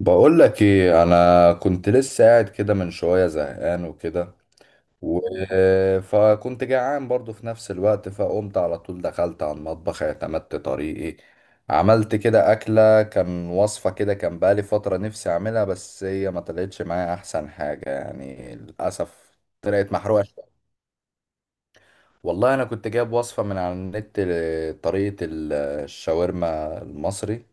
بقول لك ايه؟ انا كنت لسه قاعد كده من شويه زهقان وكده. و... فكنت جعان برضو في نفس الوقت، فقمت على طول دخلت على المطبخ، اعتمدت طريقي عملت كده اكله. كان وصفه كده، كان بقالي فتره نفسي اعملها، بس هي ما طلعتش معايا احسن حاجه يعني للاسف. طلعت محروقه شويه. والله انا كنت جايب وصفه من على النت لطريقه الشاورما المصري.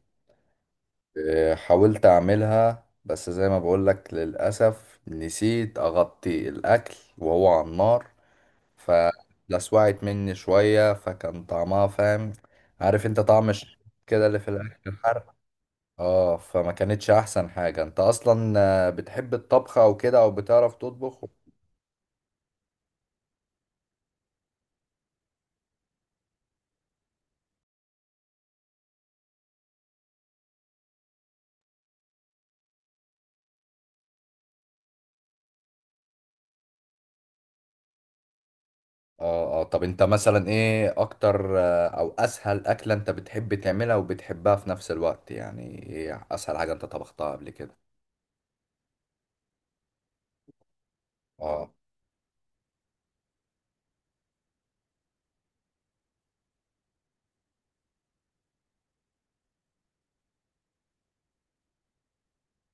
حاولت اعملها بس زي ما بقولك للأسف نسيت اغطي الاكل وهو على النار، فلسوعت مني شوية، فكان طعمها فاهم؟ عارف انت طعم كده اللي في الاكل الحرق؟ اه، فما كانتش احسن حاجة. انت اصلا بتحب الطبخ او كده، او بتعرف تطبخ؟ اه اه. طب انت مثلا ايه اكتر او اسهل اكلة انت بتحب تعملها وبتحبها في نفس الوقت؟ يعني ايه اسهل حاجة انت طبختها قبل كده؟ اه،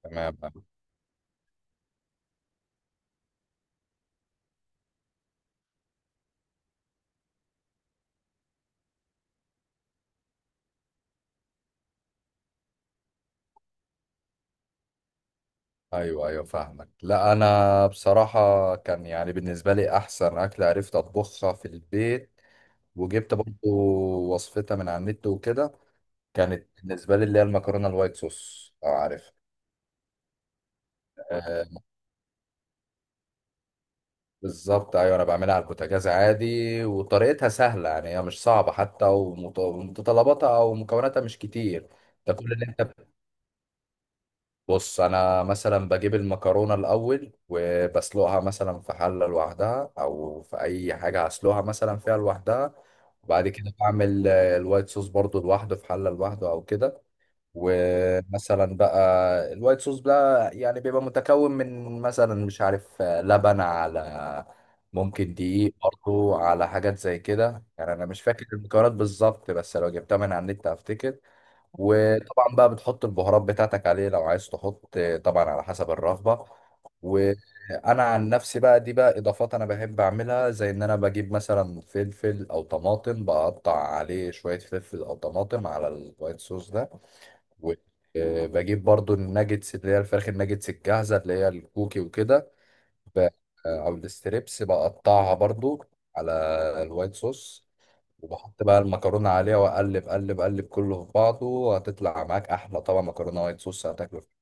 تمام. ايوه ايوه فاهمك. لا انا بصراحه كان يعني بالنسبه لي احسن اكله عرفت اطبخها في البيت وجبت برضو وصفتها من على النت وكده. كانت بالنسبه لي اللي هي المكرونه الوايت صوص، لو عارف. آه، بالظبط. ايوه انا بعملها على البوتاجاز عادي، وطريقتها سهله يعني، هي مش صعبه حتى، ومتطلباتها او مكوناتها مش كتير. ده كل اللي انت. بص، انا مثلا بجيب المكرونه الاول وبسلقها مثلا في حله لوحدها، او في اي حاجه هسلقها مثلا فيها لوحدها. وبعد كده بعمل الوايت صوص برضو لوحده في حله لوحده او كده. ومثلا بقى الوايت صوص بقى يعني بيبقى متكون من مثلا مش عارف لبن، على ممكن دقيق برضو، على حاجات زي كده يعني. انا مش فاكر المكونات بالظبط، بس لو جبتها من على النت هفتكر. وطبعا بقى بتحط البهارات بتاعتك عليه لو عايز تحط، طبعا على حسب الرغبة. وانا عن نفسي بقى دي بقى اضافات انا بحب اعملها، زي ان انا بجيب مثلا فلفل او طماطم بقطع عليه شوية فلفل او طماطم على الوايت صوص ده. وبجيب برضو الناجتس اللي هي الفراخ الناجتس الجاهزة اللي هي الكوكي وكده. ب- او الستريبس بقطعها برضو على الوايت صوص، وبحط بقى المكرونة عليها وأقلب قلب قلب كله في بعضه، وهتطلع معاك أحلى طبعا مكرونة وايت صوص هتاكله.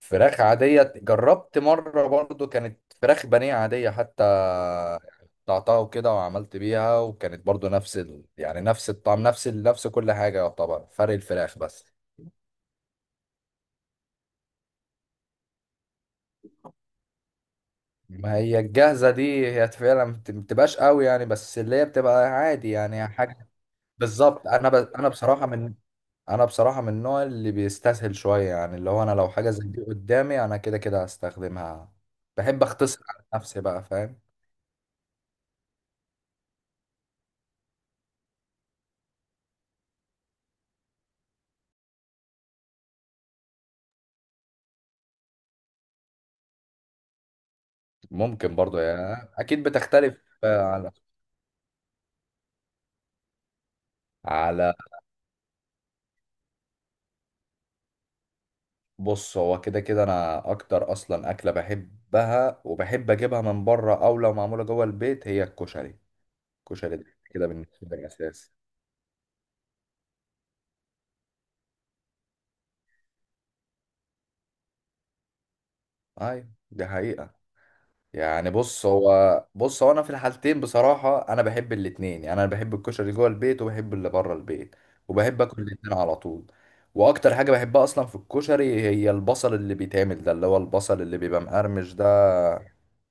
فراخ عادية جربت مرة برضو، كانت فراخ بانيه عادية حتى، قطعتها وكده وعملت بيها، وكانت برضو نفس يعني نفس الطعم، نفس نفس كل حاجة، يعتبر فرق الفراخ بس. ما هي الجاهزة دي هي فعلا ما بتبقاش قوي يعني، بس اللي هي بتبقى عادي يعني حاجة. بالظبط. انا بصراحه من النوع اللي بيستسهل شويه يعني، اللي هو انا لو حاجه زي دي قدامي انا كده كده هستخدمها. بحب اختصر على نفسي بقى فاهم. ممكن برضو يعني، اكيد بتختلف. على، على بص هو كده كده انا اكتر اصلا اكله بحبها وبحب اجيبها من بره او لو معموله جوه البيت هي الكشري. الكشري ده كده بالنسبه لي اساسي. ايوه دي حقيقه. يعني بص هو، بص هو انا في الحالتين بصراحه انا بحب الاتنين يعني، انا بحب الكشري اللي جوه البيت وبحب اللي بره البيت، وبحب اكل الاتنين على طول. واكتر حاجه بحبها اصلا في الكشري هي البصل اللي بيتعمل ده، اللي هو البصل اللي بيبقى مقرمش ده.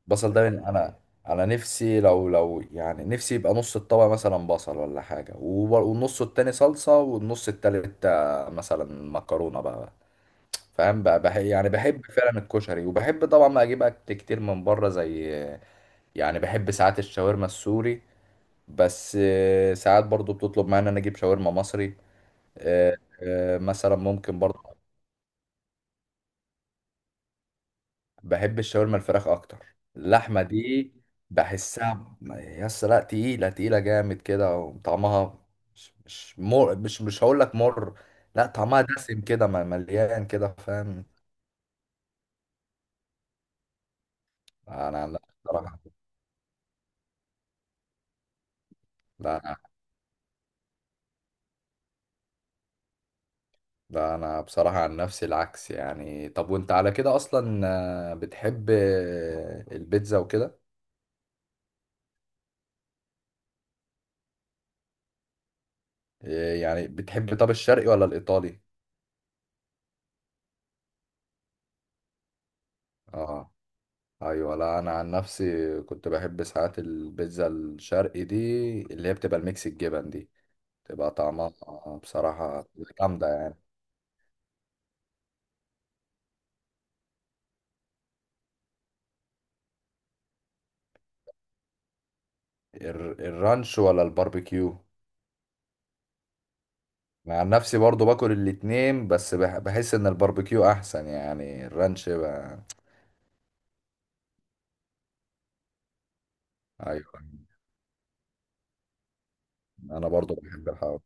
البصل ده من انا، انا نفسي لو يعني نفسي يبقى نص الطبق مثلا بصل ولا حاجه، والنص التاني صلصه، والنص التالت مثلا مكرونه بقى. فاهم بقى، يعني بحب فعلا الكشري، وبحب طبعا ما اجيب اكل كتير من بره، زي يعني بحب ساعات الشاورما السوري، بس ساعات برضو بتطلب معايا ان انا اجيب شاورما مصري. آه، مثلا ممكن برضو. بحب الشاورما الفراخ اكتر. اللحمه دي بحسها، يس لا تقيله، تقيله جامد كده وطعمها مش مر، مش هقول لك مر، لا طعمها دسم كده، مليان كده فاهم. انا لا بصراحه لا، لا انا بصراحة عن نفسي العكس يعني. طب وانت على كده اصلا بتحب البيتزا وكده؟ يعني بتحب طب الشرقي ولا الايطالي؟ اه ايوه. لا انا عن نفسي كنت بحب ساعات البيتزا الشرقي دي، اللي هي بتبقى الميكس الجبن دي، تبقى طعمها بصراحة جامدة يعني. الرانش ولا الباربيكيو؟ مع نفسي برضو باكل الاتنين، بس بحس ان الباربيكيو احسن يعني، الرانش بقى. ايوه انا برضو بحب الحوار.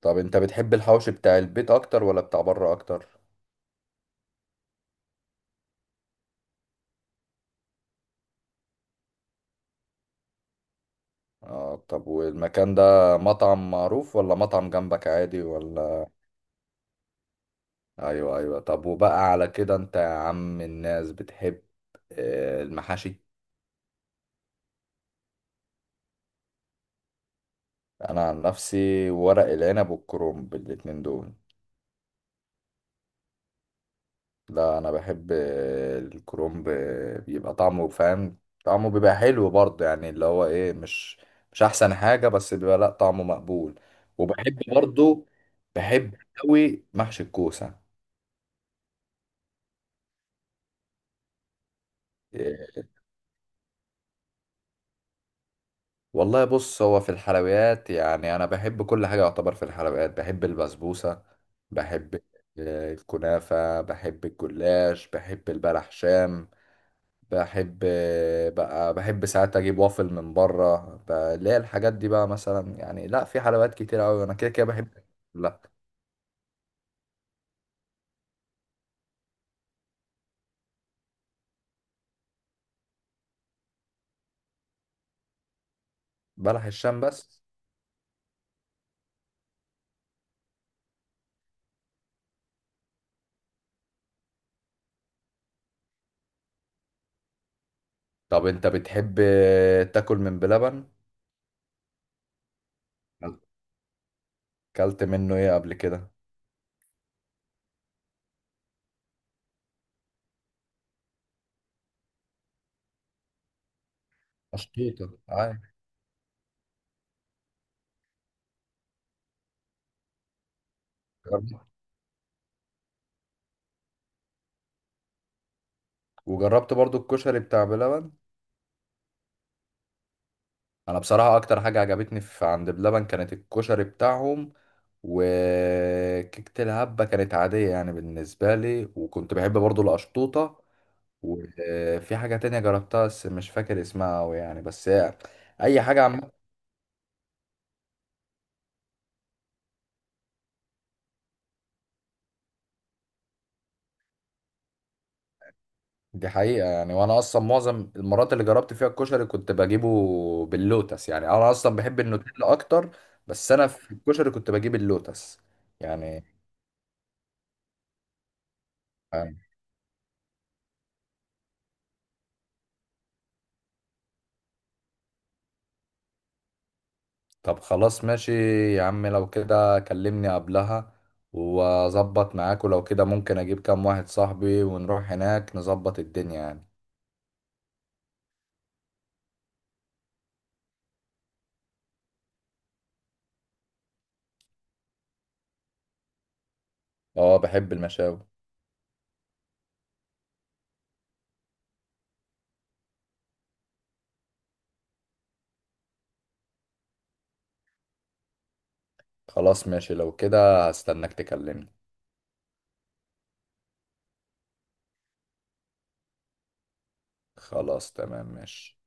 طب انت بتحب الحوش بتاع البيت اكتر ولا بتاع بره اكتر؟ اه طب والمكان ده مطعم معروف ولا مطعم جنبك عادي ولا؟ ايوه ايوه. طب وبقى على كده انت يا عم الناس بتحب المحاشي؟ انا عن نفسي ورق العنب والكرنب، الاتنين دول. لا انا بحب الكرومب، بيبقى طعمه فاهم، طعمه بيبقى حلو برضه يعني، اللي هو ايه مش مش احسن حاجة، بس بيبقى لا طعمه مقبول. وبحب برضه، بحب قوي محشي الكوسة. إيه، والله بص هو في الحلويات يعني انا بحب كل حاجة يعتبر. في الحلويات بحب البسبوسة، بحب الكنافة، بحب الجلاش، بحب البلح شام، بحب بقى، بحب ساعات اجيب وافل من بره، اللي هي الحاجات دي بقى مثلا يعني. لا في حلويات كتير قوي انا كده كده بحب. لا، بلح الشام بس. طب انت بتحب تاكل من بلبن؟ اكلت منه ايه قبل كده؟ مشطوطة أي. جربت- وجربت برضو الكشري بتاع بلبن. انا بصراحة اكتر حاجة عجبتني في عند بلبن كانت الكشري بتاعهم، وكيكة الهبة كانت عادية يعني بالنسبة لي، وكنت بحب برضو القشطوطة. وفي حاجة تانية جربتها بس مش فاكر اسمها أوي يعني، بس هي أي حاجة عامة. دي حقيقة يعني، وأنا أصلا معظم المرات اللي جربت فيها الكشري كنت بجيبه باللوتس، يعني أنا أصلا بحب النوتيلا أكتر، بس أنا في الكشري كنت بجيب اللوتس. يعني آه، طب خلاص ماشي يا عم، لو كده كلمني قبلها وأظبط معاك، ولو كده ممكن أجيب كام واحد صاحبي ونروح هناك نظبط الدنيا يعني. أه بحب المشاوي. خلاص ماشي، لو كده هستناك تكلمني. خلاص تمام ماشي.